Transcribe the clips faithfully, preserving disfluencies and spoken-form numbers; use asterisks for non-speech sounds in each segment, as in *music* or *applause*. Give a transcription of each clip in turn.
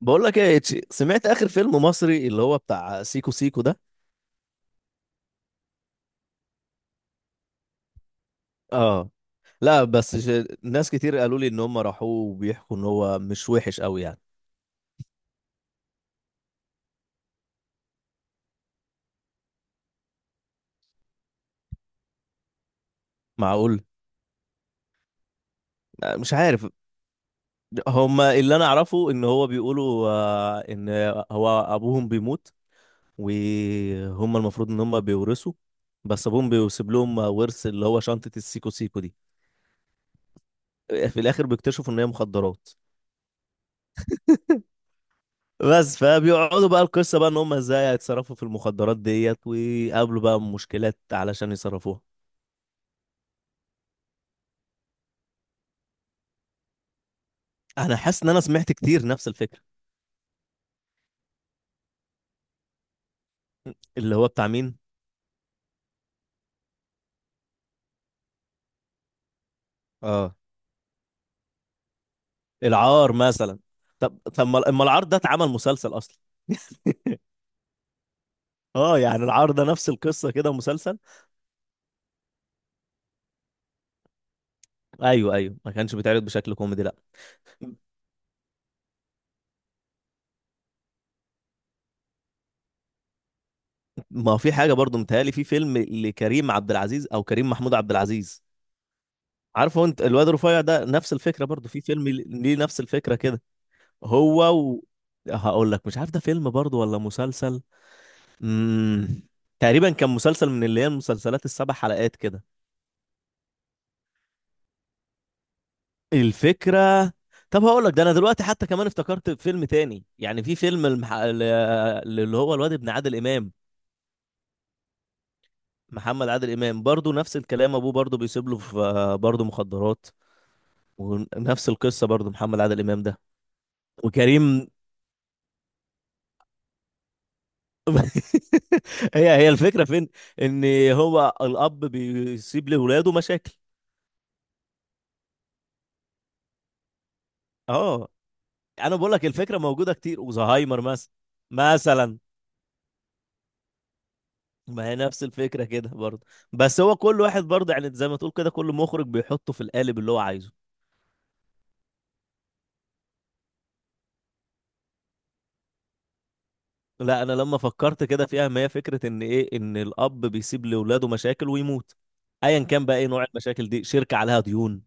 بقول لك ايه يا إتشي، سمعت اخر فيلم مصري اللي هو بتاع سيكو سيكو ده؟ اه. لا بس ش- ناس كتير قالوا لي ان هم راحوه وبيحكوا ان هو مش وحش قوي يعني. معقول؟ آه، مش عارف. هم اللي انا اعرفه ان هو بيقولوا، آه، ان هو ابوهم بيموت وهم المفروض ان هم بيورثوا. بس ابوهم بيسيب لهم ورث اللي هو شنطة السيكو سيكو دي. في الاخر بيكتشفوا ان هي مخدرات. بس فبيقعدوا بقى القصه بقى ان هم ازاي هيتصرفوا في المخدرات ديت ويقابلوا بقى مشكلات علشان يصرفوها. انا حاسس ان انا سمعت كتير نفس الفكره. اللي هو بتاع مين؟ اه. العار مثلا. طب طب ما أما العار ده اتعمل مسلسل اصلا. *laughs* اه، يعني العار ده نفس القصه كده مسلسل. ايوه، ايوه، ما كانش بيتعرض بشكل كوميدي لا. ما هو في حاجه برضو متهيألي في فيلم لكريم عبد العزيز او كريم محمود عبد العزيز. عارفه انت الواد رفيع ده نفس الفكره برضو، في فيلم ليه نفس الفكره كده. هو و... هقول لك مش عارف ده فيلم برضو ولا مسلسل. امم تقريبا كان مسلسل من اللي هي المسلسلات السبع حلقات كده. الفكرة. طب هقول لك، ده انا دلوقتي حتى كمان افتكرت فيلم تاني، يعني في فيلم المح... ال- اللي هو الواد ابن عادل امام. محمد عادل امام برضو نفس الكلام، ابوه برضو بيسيب له في برضو مخدرات. ونفس القصة برضو محمد عادل امام ده. وكريم. *laughs* هي هي الفكرة فين؟ ان هو الاب بيسيب لاولاده مشاكل. اه. انا بقول لك الفكره موجوده كتير، وزهايمر مثلا. مثلا. ما هي نفس الفكره كده برضه. بس هو كل واحد برضه يعني زي ما تقول كده كل مخرج بيحطه في القالب اللي هو عايزه. لا انا لما فكرت كده فيها ما هي فكره ان ايه، ان الاب بيسيب لاولاده مشاكل ويموت. ايا كان بقى ايه نوع المشاكل دي، شركه عليها ديون.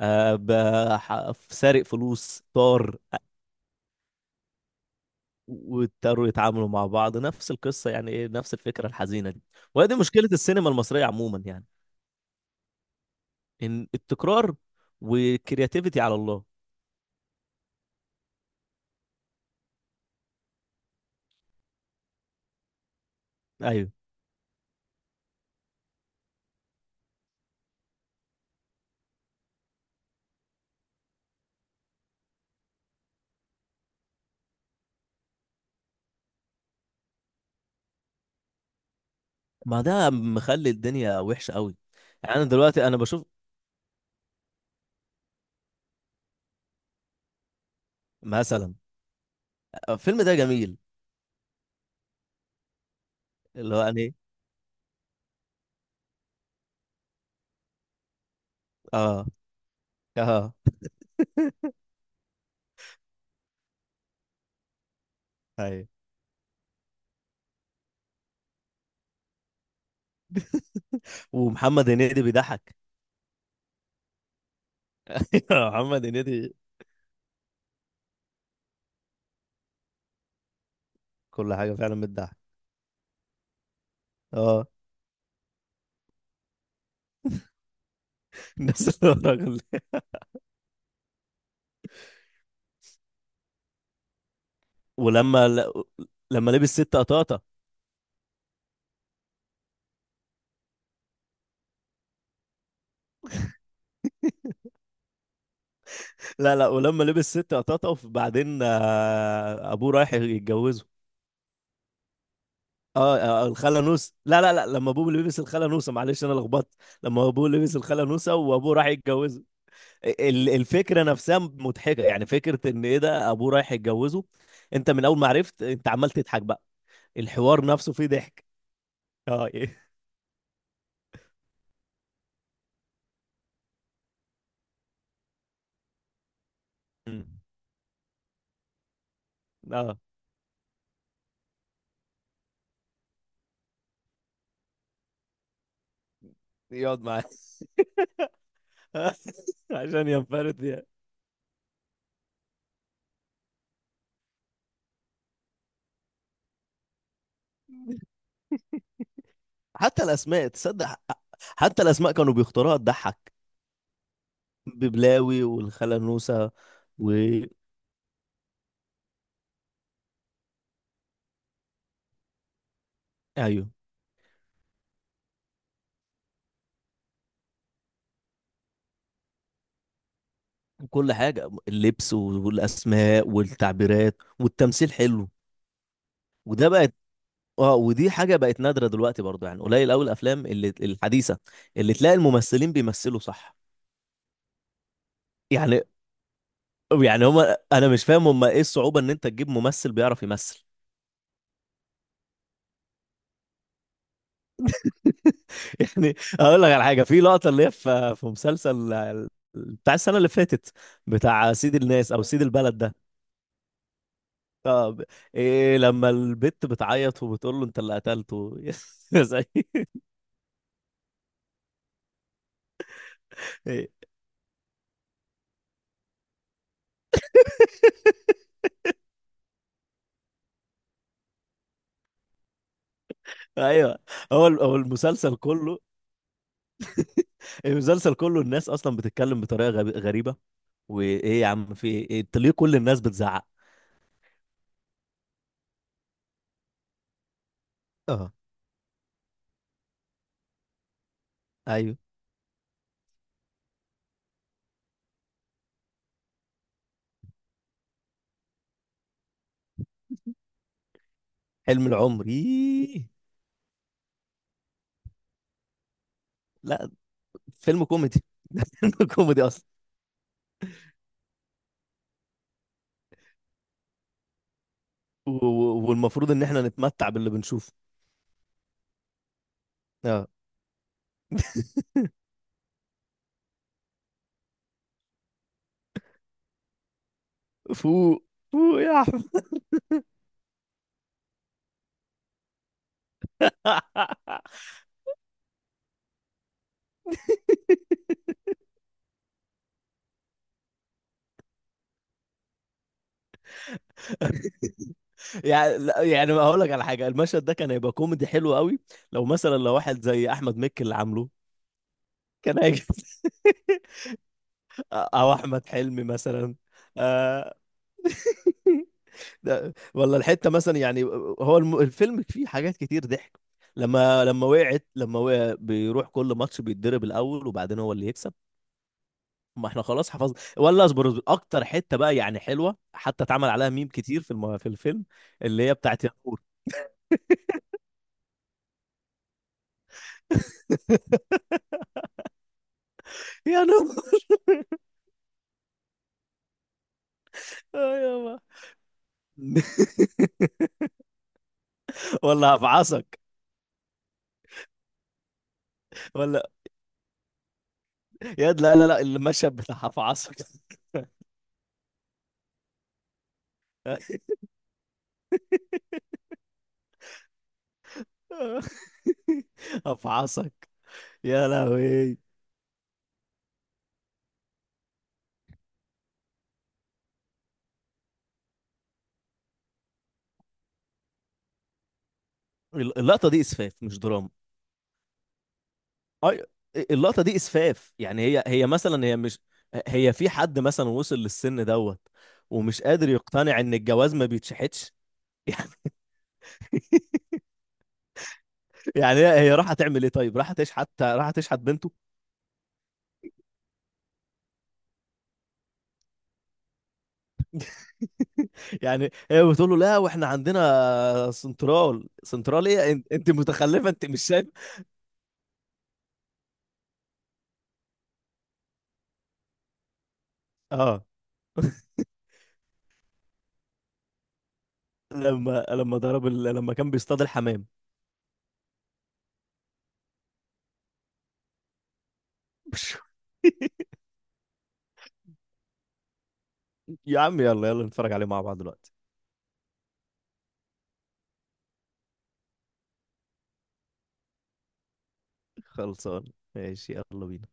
آه ب- ح- سارق فلوس طار. واضطروا يتعاملوا مع بعض، نفس القصه يعني، ايه نفس الفكره الحزينه دي. وهي دي مشكله السينما المصريه عموما يعني. ان التكرار. والكرياتيفيتي على الله. ايوه. ما ده مخلي الدنيا وحشه قوي. يعني انا دلوقتي انا بشوف. مثلا. الفيلم ده جميل. اللي هو يعني. اه. اه. ايوه. ومحمد هنيدي بيضحك. *laughs* محمد هنيدي. كل حاجه فعلا بتضحك. اه. الناس اللي هو الراجل ده. ولما ل... لما لبس ست قطاطه. لا لا، ولما لبس ست قطاطه وبعدين آه، ابوه رايح يتجوزه. اه. آه، آه، الخاله نوسه. لا لا لا، لما ابوه لبس الخاله نوسه، معلش انا لخبطت. لما ابوه لبس الخاله نوسه وابوه راح يتجوزه. ال- الفكره نفسها مضحكه، يعني فكره ان ايه، ده ابوه رايح يتجوزه. انت من اول ما عرفت انت عمال تضحك بقى. الحوار نفسه فيه ضحك. اه. *laughs* إيه. مم. اه. يقعد معاه. *laughs* عشان ينفرد يعني. حتى الاسماء تصدق. حتى الاسماء كانوا بيختاروها تضحك. ببلاوي والخاله نوسه. و. ايوه. كل حاجة اللبس والأسماء والتعبيرات والتمثيل حلو. وده بقت. اه، ودي حاجة بقت نادرة دلوقتي برضو، يعني قليل أوي الأفلام اللي الحديثة اللي تلاقي الممثلين بيمثلوا صح. يعني. يعني هما أنا مش فاهم، هما إيه الصعوبة إن أنت تجيب ممثل بيعرف يمثل. *laughs* يعني. أقول لك على حاجة في لقطة اللي هي في في مسلسل بتاع السنة اللي فاتت، بتاع سيد الناس أو سيد البلد ده. طب. إيه لما البت بتعيط وبتقول له أنت اللي قتلته؟ *laughs* يا زعيم. *laughs* ايوه. هو ال- هو المسلسل كله. المسلسل كله الناس اصلا بتتكلم بطريقه غب- غريبه. وايه يا عم، في ايه، إنت ليه كل الناس بتزعق. اه. ايوه. حلم العمر إيه. لا. فيلم كوميدي. *laughs* ده فيلم كوميدي اصلا. و- و- والمفروض ان احنا نتمتع باللي بنشوفه. اه. فوق. فوق يا احمد. *laughs* يعني لا، يعني هقول لك على حاجه، المشهد ده كان هيبقى كوميدي حلو قوي لو مثلا لو واحد زي احمد مكي اللي عامله. كان هيجي. *laughs* او احمد حلمي مثلا. آه، *laughs* ده ولا الحته مثلا يعني. هو الم- الفيلم فيه حاجات كتير ضحك. لما لما وقعت لما وقع بيروح كل ماتش بيتضرب الاول وبعدين هو اللي يكسب. ما احنا خلاص حفظنا. ولا اصبر اصبر اكتر حته بقى يعني حلوه، حتى اتعمل عليها ميم كتير في الم... في الفيلم. اللي هي بتاعت يا نور. *laughs* يا نور. آه يابا. *laughs* ولا هفعصك. ولا. *laughs* يا لا لا لا، المشهد بتاع هفعصك. *laughs* *laughs* افعصك. يا لهوي. ال- اللقطه دي اسفاف مش دراما. اي. اللقطه دي اسفاف، يعني هي هي مثلا هي مش. هي في حد مثلا وصل للسن دوت ومش قادر يقتنع ان الجواز ما بيتشحتش. *laughs* يعني. يعني هي هي راح تعمل ايه، طيب راح تشحت راح تشحت بنته. *laughs* يعني. هي بتقول له لا واحنا عندنا سنترال، سنترال ايه، انت أنت متخلفه انت مش شايف. اه. *laughs* لما لما ضرب ال... لما كان بيصطاد الحمام. *laughs* يا عم يلا يلا نتفرج عليه مع بعض دلوقتي. خلصان. ماشي يلا بينا.